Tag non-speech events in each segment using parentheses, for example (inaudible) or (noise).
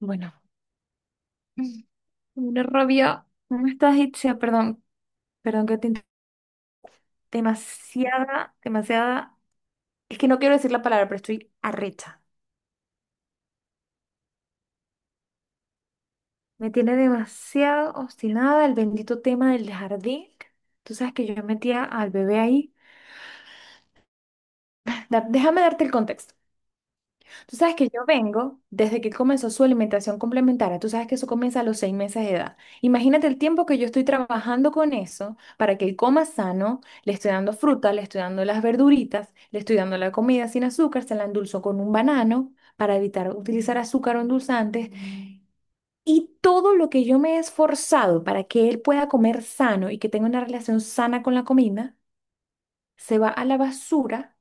Bueno, una rabia, una estrategia, perdón, perdón que te inter- demasiada, demasiada, es que no quiero decir la palabra, pero estoy arrecha. Me tiene demasiado obstinada el bendito tema del jardín. Tú sabes que yo metía al bebé ahí. Déjame darte el contexto. Tú sabes que yo vengo desde que comenzó su alimentación complementaria. Tú sabes que eso comienza a los 6 meses de edad. Imagínate el tiempo que yo estoy trabajando con eso para que él coma sano. Le estoy dando fruta, le estoy dando las verduritas, le estoy dando la comida sin azúcar, se la endulzo con un banano para evitar utilizar azúcar o endulzantes. Y todo lo que yo me he esforzado para que él pueda comer sano y que tenga una relación sana con la comida, se va a la basura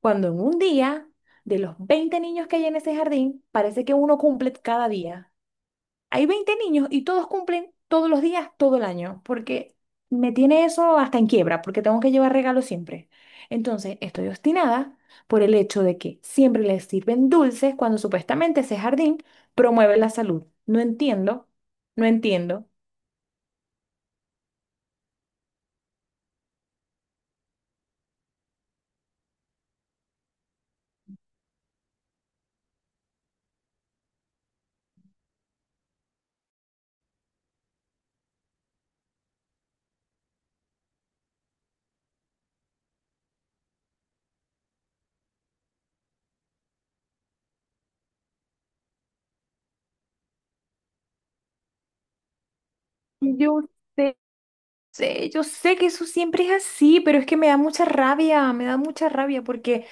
cuando en un día, de los 20 niños que hay en ese jardín, parece que uno cumple cada día. Hay 20 niños y todos cumplen todos los días, todo el año, porque me tiene eso hasta en quiebra, porque tengo que llevar regalos siempre. Entonces, estoy obstinada por el hecho de que siempre les sirven dulces cuando supuestamente ese jardín promueve la salud. No entiendo, no entiendo. Yo sé, Sí, yo sé que eso siempre es así, pero es que me da mucha rabia, me da mucha rabia porque,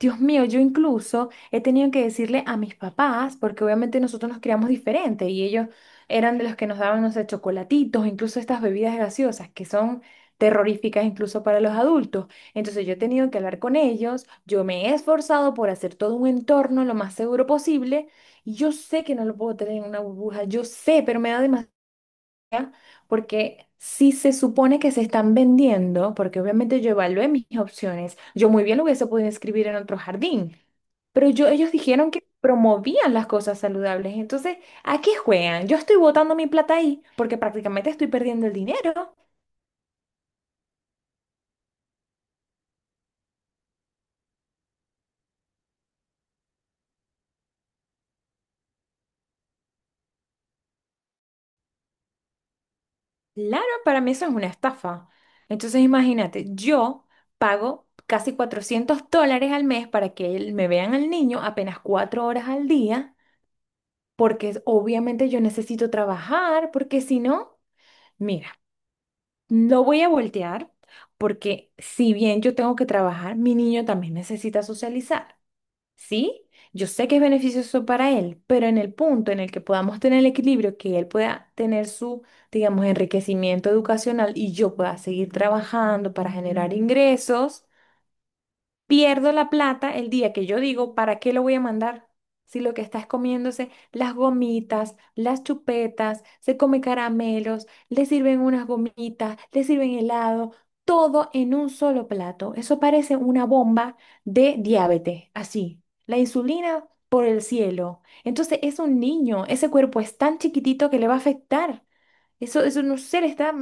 Dios mío, yo incluso he tenido que decirle a mis papás, porque obviamente nosotros nos criamos diferente y ellos eran de los que nos daban, no sé, chocolatitos, incluso estas bebidas gaseosas que son terroríficas incluso para los adultos. Entonces yo he tenido que hablar con ellos, yo me he esforzado por hacer todo un entorno lo más seguro posible y yo sé que no lo puedo tener en una burbuja, yo sé, pero me da demasiado, porque si se supone que se están vendiendo, porque obviamente yo evalué mis opciones, yo muy bien lo hubiese podido escribir en otro jardín, pero yo, ellos dijeron que promovían las cosas saludables, entonces, ¿a qué juegan? Yo estoy botando mi plata ahí porque prácticamente estoy perdiendo el dinero. Claro, para mí eso es una estafa. Entonces, imagínate, yo pago casi $400 al mes me vean al niño apenas 4 horas al día. Obviamente yo necesito trabajar, porque si no, mira, no voy a voltear, porque si bien yo tengo que trabajar, mi niño también necesita socializar, ¿sí? Yo sé que es beneficioso para él, pero en el punto en el que podamos tener el equilibrio, que él pueda tener su, digamos, enriquecimiento educacional y yo pueda seguir trabajando para generar ingresos. Pierdo la plata el día que yo digo, ¿para qué lo voy a mandar? Si lo que está es comiéndose las gomitas, las chupetas, se come caramelos, le sirven unas gomitas, le sirven helado, todo en un solo plato. Eso parece una bomba de diabetes, así. La insulina por el cielo. Entonces es un niño, ese cuerpo es tan chiquitito que le va a afectar. Eso no sé, le está...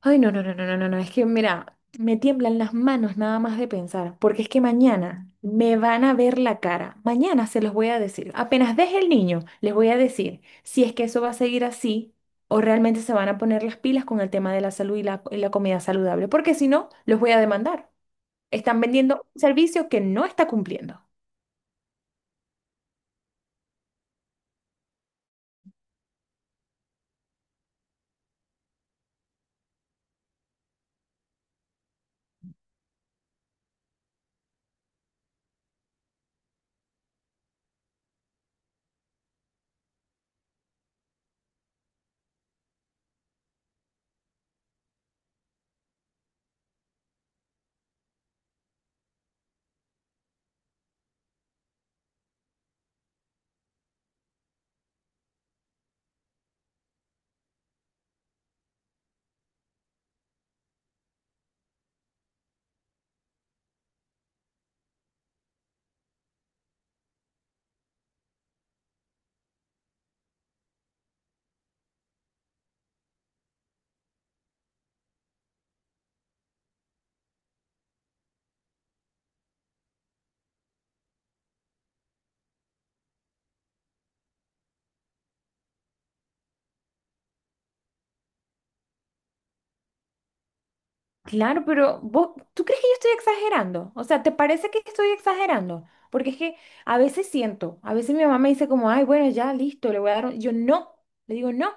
Ay, no, no, no, no, no, no, no, es que mira, me tiemblan las manos nada más de pensar, porque es que mañana me van a ver la cara, mañana se los voy a decir, apenas deje el niño, les voy a decir si es que eso va a seguir así o realmente se van a poner las pilas con el tema de la salud y y la comida saludable, porque si no, los voy a demandar. Están vendiendo un servicio que no está cumpliendo. Claro, pero vos, ¿tú crees que yo estoy exagerando? O sea, ¿te parece que estoy exagerando? Porque es que a veces siento, a veces mi mamá me dice como, ay, bueno, ya, listo, le voy a dar Yo no, le digo no,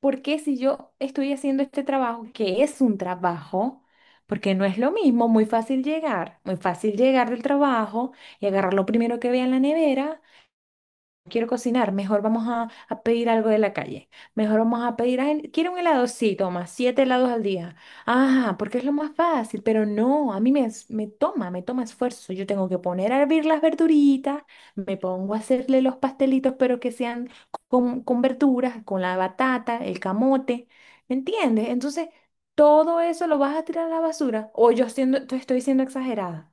porque si yo estoy haciendo este trabajo, que es un trabajo, porque no es lo mismo, muy fácil llegar del trabajo y agarrar lo primero que vea en la nevera, quiero cocinar, mejor vamos a pedir algo de la calle. Mejor vamos a pedir, "Ay, quiero un helado, sí, toma, siete helados al día". Ah, porque es lo más fácil, pero no, a mí me, es- me toma esfuerzo. Yo tengo que poner a hervir las verduritas, me pongo a hacerle los pastelitos, pero que sean con verduras, con la batata, el camote, ¿me entiendes? Entonces, todo eso lo vas a tirar a la basura, o te estoy siendo exagerada.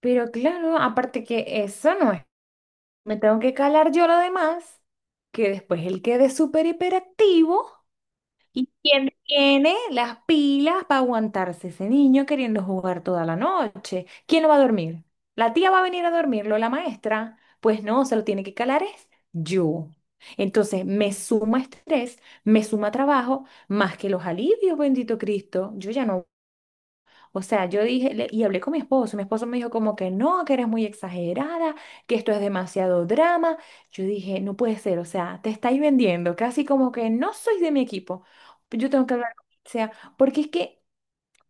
Pero claro, aparte que eso no es. Me tengo que calar yo lo demás, que después él quede súper hiperactivo. ¿Quién tiene las pilas para aguantarse ese niño queriendo jugar toda la noche? ¿Quién lo va a dormir? ¿La tía va a venir a dormirlo, la maestra? Pues no, se lo tiene que calar es yo. Entonces me suma estrés, me suma trabajo, más que los alivios, bendito Cristo. Yo ya no, o sea, yo dije, y hablé con mi esposo me dijo como que no, que eres muy exagerada, que esto es demasiado drama. Yo dije, no puede ser, o sea, te estáis vendiendo, casi como que no sois de mi equipo. Yo tengo que hablar con, o sea, porque es que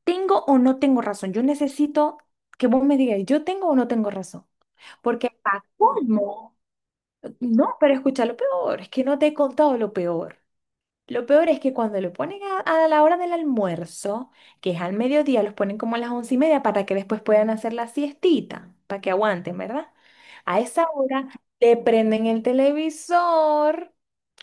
tengo o no tengo razón. Yo necesito que vos me digas, yo tengo o no tengo razón. Porque para colmo, no, pero escucha lo peor, es que no te he contado lo peor. Lo peor es que cuando lo ponen a la hora del almuerzo, que es al mediodía, los ponen como a las 11:30 para que después puedan hacer la siestita, para que aguanten, ¿verdad? A esa hora le prenden el televisor,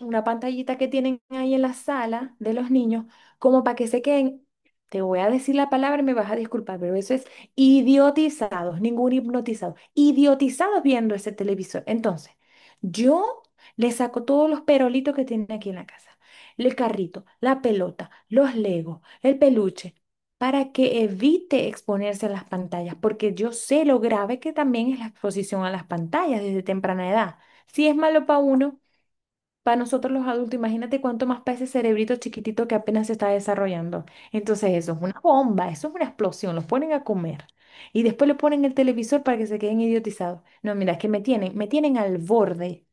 una pantallita que tienen ahí en la sala de los niños, como para que se queden, te voy a decir la palabra y me vas a disculpar, pero eso es idiotizados, ningún hipnotizado, idiotizados viendo ese televisor. Entonces, yo le saco todos los perolitos que tienen aquí en la casa, el carrito, la pelota, los legos, el peluche, para que evite exponerse a las pantallas, porque yo sé lo grave que también es la exposición a las pantallas desde temprana edad. Si es malo para uno, para nosotros los adultos, imagínate cuánto más para ese cerebrito chiquitito que apenas se está desarrollando. Entonces eso es una bomba, eso es una explosión, los ponen a comer. Y después le ponen el televisor para que se queden idiotizados. No, mira, es que me tienen al borde.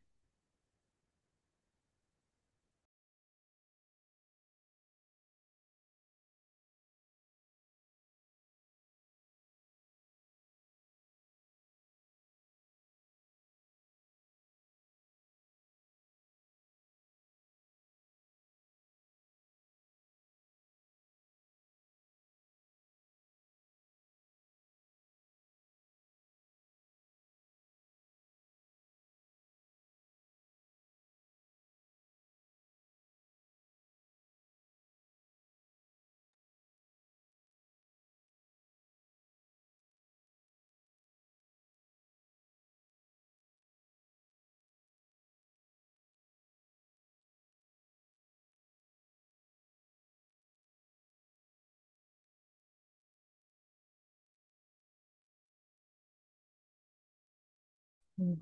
Mm.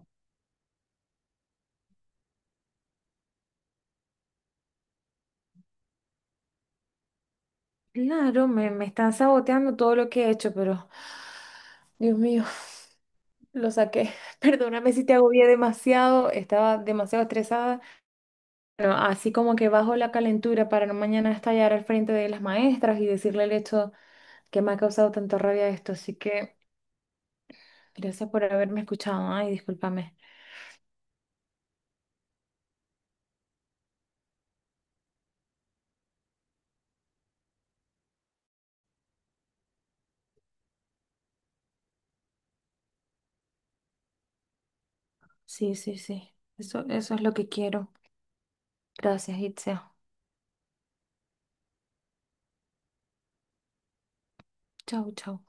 Claro, me están saboteando todo lo que he hecho, pero Dios mío, lo saqué. (laughs) Perdóname si te agobié demasiado, estaba demasiado estresada. Bueno, así como que bajo la calentura para no mañana estallar al frente de las maestras y decirle el hecho que me ha causado tanta rabia esto. Así que gracias por haberme escuchado. Ay, discúlpame. Sí, sí, sí. Eso es lo que quiero. Gracias, Itzia. Chau, chau.